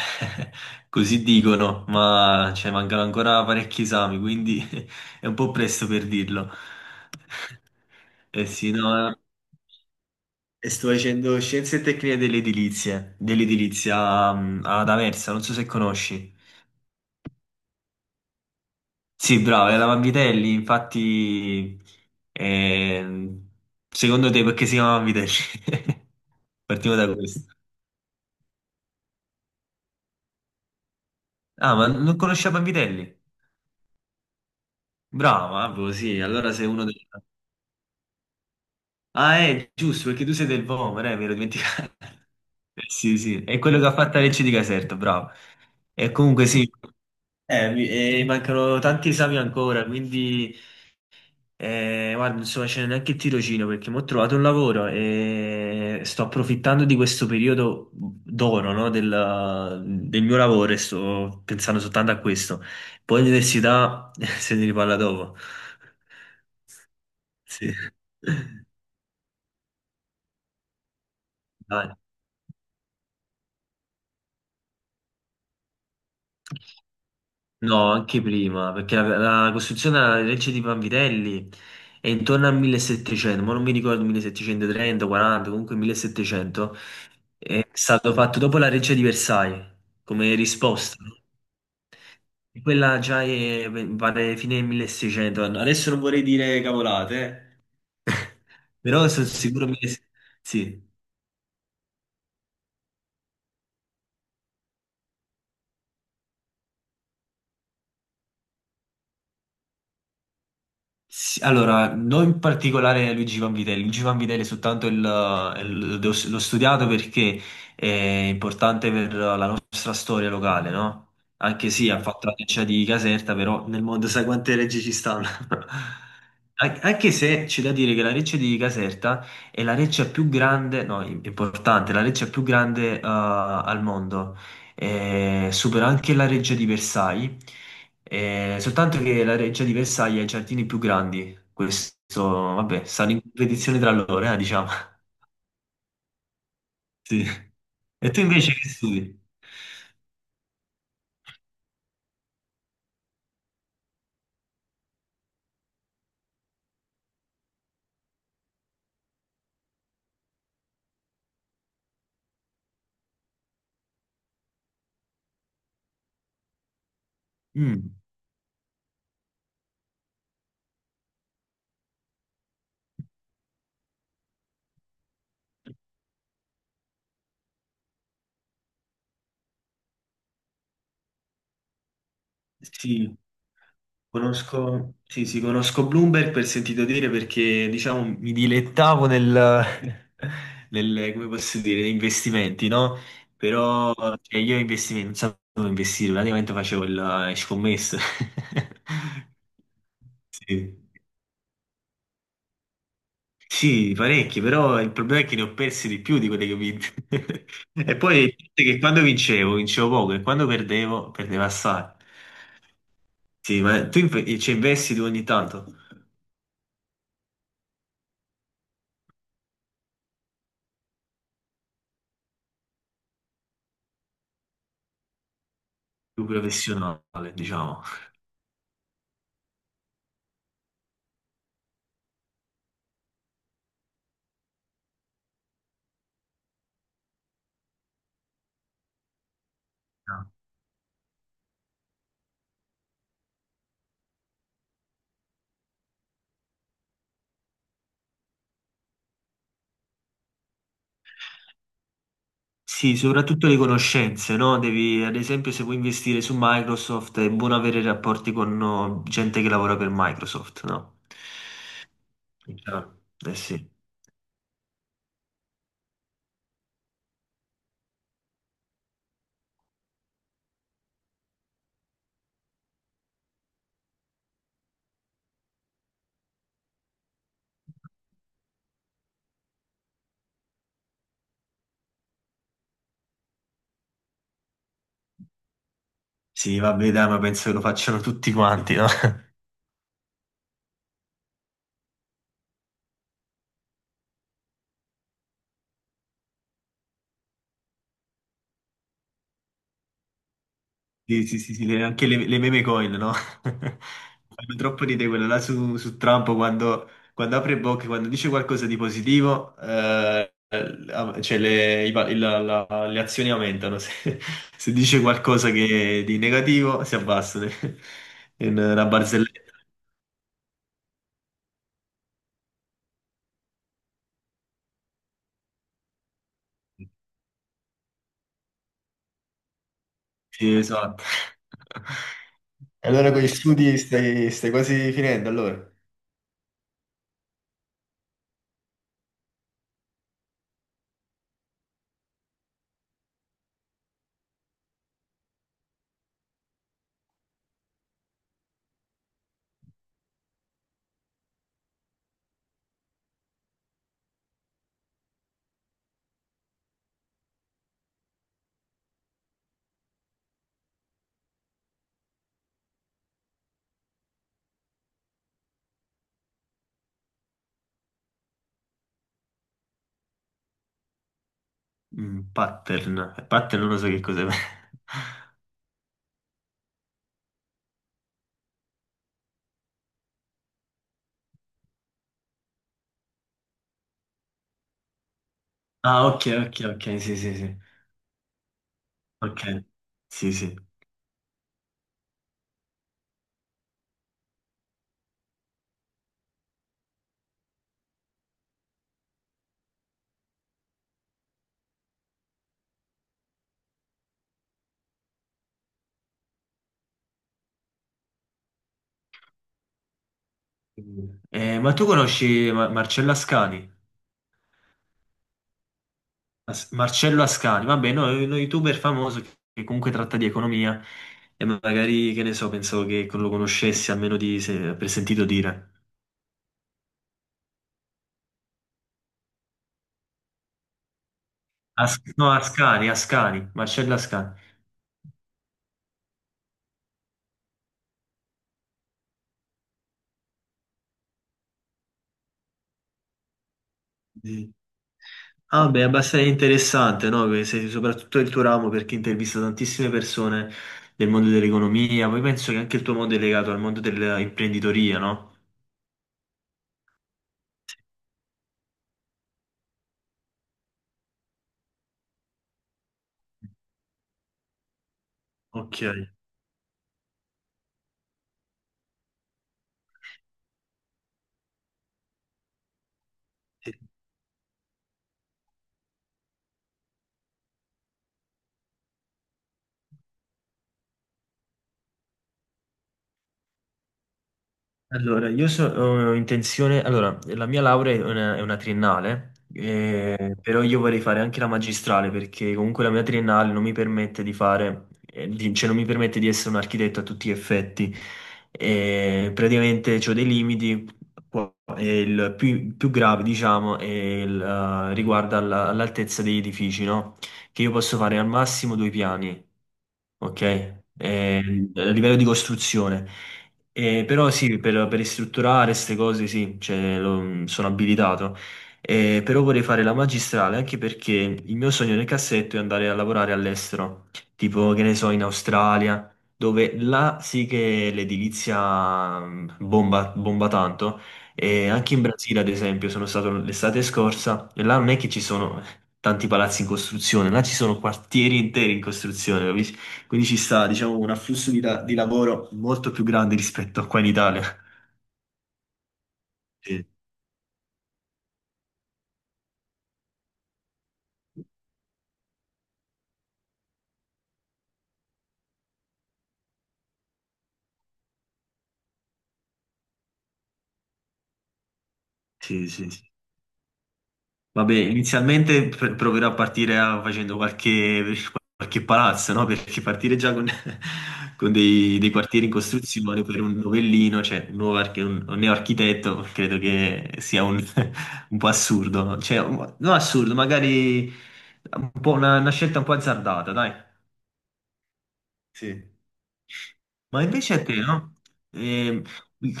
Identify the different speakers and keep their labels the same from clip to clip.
Speaker 1: Così dicono, ma cioè, mancano ancora parecchi esami, quindi è un po' presto per dirlo. Eh sì, no, sto facendo scienze e tecniche dell'edilizia, dell'edilizia, ad Aversa, non so se conosci. Sì, bravo, è la Vanvitelli, infatti. ehm, Secondo te perché si chiama Vanvitelli? Partiamo da questo. Ah, ma non conosci la Vanvitelli? Bravo, ah, boh, sì, allora sei uno dei... Ah, è giusto, perché tu sei del Vomero, mi ero dimenticato. Sì, sì, è quello che ha fatto la legge di Caserta, bravo. E comunque sì, mi mancano tanti esami ancora, quindi guarda, non sto facendo neanche il tirocinio perché mi ho trovato un lavoro e sto approfittando di questo periodo d'oro, no, del mio lavoro e sto pensando soltanto a questo. Poi l'università se ne riparla dopo. Sì. Dai. No, anche prima, perché la costruzione della legge di Vanvitelli è intorno al 1700, ma non mi ricordo 1730, 40, comunque 1700, è stato fatto dopo la legge di Versailles, come risposta, no? E quella già è, vale fine 1600, adesso non vorrei dire cavolate, eh. Però sono sicuro 1600, sì. Sì, allora, non in particolare Luigi Vanvitelli, Luigi Vanvitelli è soltanto l'ho studiato perché è importante per la nostra storia locale, no? Anche sì, ha fatto la deccia di Caserta, però nel mondo sai quante leggi ci stanno. Anche se c'è da dire che la Recce di Caserta è la reccia più grande, no, importante, la reccia più grande al mondo, supera anche la reggia di Versailles, soltanto che la reggia di Versailles ha i giardini più grandi. Questo, vabbè, stanno in competizione tra loro, diciamo. Sì. E tu invece che studi? Mm. Sì. Conosco, sì, sì, conosco Bloomberg per sentito dire perché, diciamo, mi dilettavo nel, come posso dire, negli investimenti, no? Però, cioè, io investimenti, non sapevo dove investire, praticamente facevo le scommesse. Sì. Sì, parecchi, però il problema è che ne ho persi di più di quelle che ho vinto. E poi il fatto è che quando vincevo, vincevo poco, e quando perdevo, perdevo assai. Sì, ma tu ci investi tu ogni tanto? Più professionale, diciamo. Sì, soprattutto le conoscenze, no? Devi, ad esempio, se vuoi investire su Microsoft, è buono avere rapporti con, no, gente che lavora per Microsoft, no? Chiaro. Eh sì. Sì, vabbè, dai, ma penso che lo facciano tutti quanti, no? Sì, sì, sì, sì, anche le meme coin, no? Fanno troppo ridere quello là su Trump quando, quando apre bocca, quando dice qualcosa di positivo, cioè le, i pa- il- la- la- le azioni aumentano. Se, se dice qualcosa che, di negativo, si abbassano. È una barzelletta. Sì, esatto. E allora con gli studi stai, stai quasi finendo, allora? Mm, pattern. Pattern non lo so che cos'è. Ah, ok, ok, ok, sì, sì, sì. Ok, sì, sì. Ma tu conosci Marcello Ascani? Marcello Ascani, vabbè, no, è uno youtuber famoso che comunque tratta di economia e magari, che ne so, pensavo che lo conoscessi almeno di, se, per sentito dire. No, Ascani, Ascani, Marcello Ascani. Sì. Ah, beh, è abbastanza interessante, no? Che sei soprattutto il tuo ramo perché intervista tantissime persone del mondo dell'economia. Poi penso che anche il tuo mondo è legato al mondo dell'imprenditoria, no? Ok. Sì. Allora, ho intenzione, allora, la mia laurea è una triennale, però io vorrei fare anche la magistrale perché comunque la mia triennale non mi permette di fare, cioè non mi permette di essere un architetto a tutti gli effetti. Praticamente ho dei limiti, e il più, più grave, diciamo, è il, riguarda all'altezza degli edifici, no? Che io posso fare al massimo due piani. Ok. Eh, a livello di costruzione. Però sì, per ristrutturare queste cose sì, cioè, sono abilitato. Però vorrei fare la magistrale anche perché il mio sogno nel cassetto è andare a lavorare all'estero, tipo che ne so, in Australia, dove là sì che l'edilizia bomba, bomba tanto. E anche in Brasile, ad esempio, sono stato l'estate scorsa e là non è che ci sono tanti palazzi in costruzione, là ci sono quartieri interi in costruzione, ho quindi ci sta, diciamo, un afflusso di, di lavoro molto più grande rispetto a qua in Italia. Sì, sì, sì, sì. Vabbè, inizialmente proverò a partire facendo qualche, qualche palazzo, no? Perché partire già con, con dei, dei quartieri in costruzione per un novellino, cioè un nuovo un neoarchitetto, credo che sia un, un po' assurdo, no? Cioè, non assurdo, magari un po' una scelta un po' azzardata, dai. Sì. Ma invece a te, no? Ehm,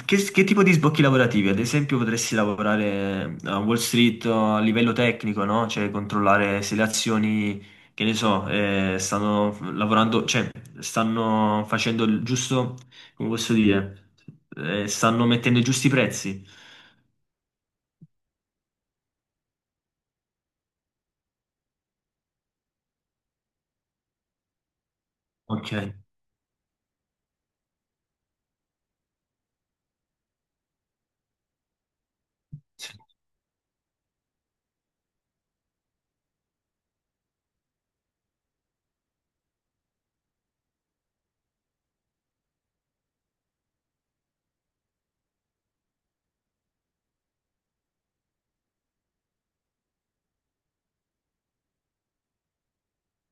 Speaker 1: che tipo di sbocchi lavorativi? Ad esempio, potresti lavorare, a Wall Street o a livello tecnico, no? Cioè, controllare se le azioni, che ne so, stanno lavorando, cioè, stanno facendo il giusto, come posso dire. Stanno mettendo i giusti prezzi. Ok. Sì.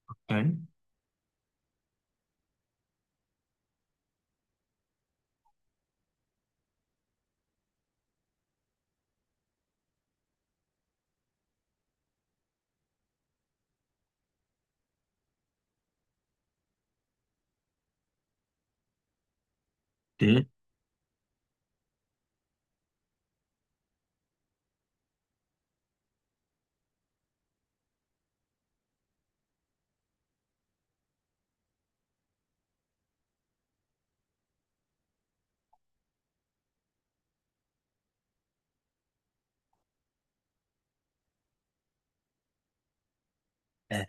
Speaker 1: Ok. Sì. Eh,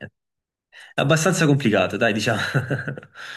Speaker 1: è abbastanza complicato, dai, diciamo.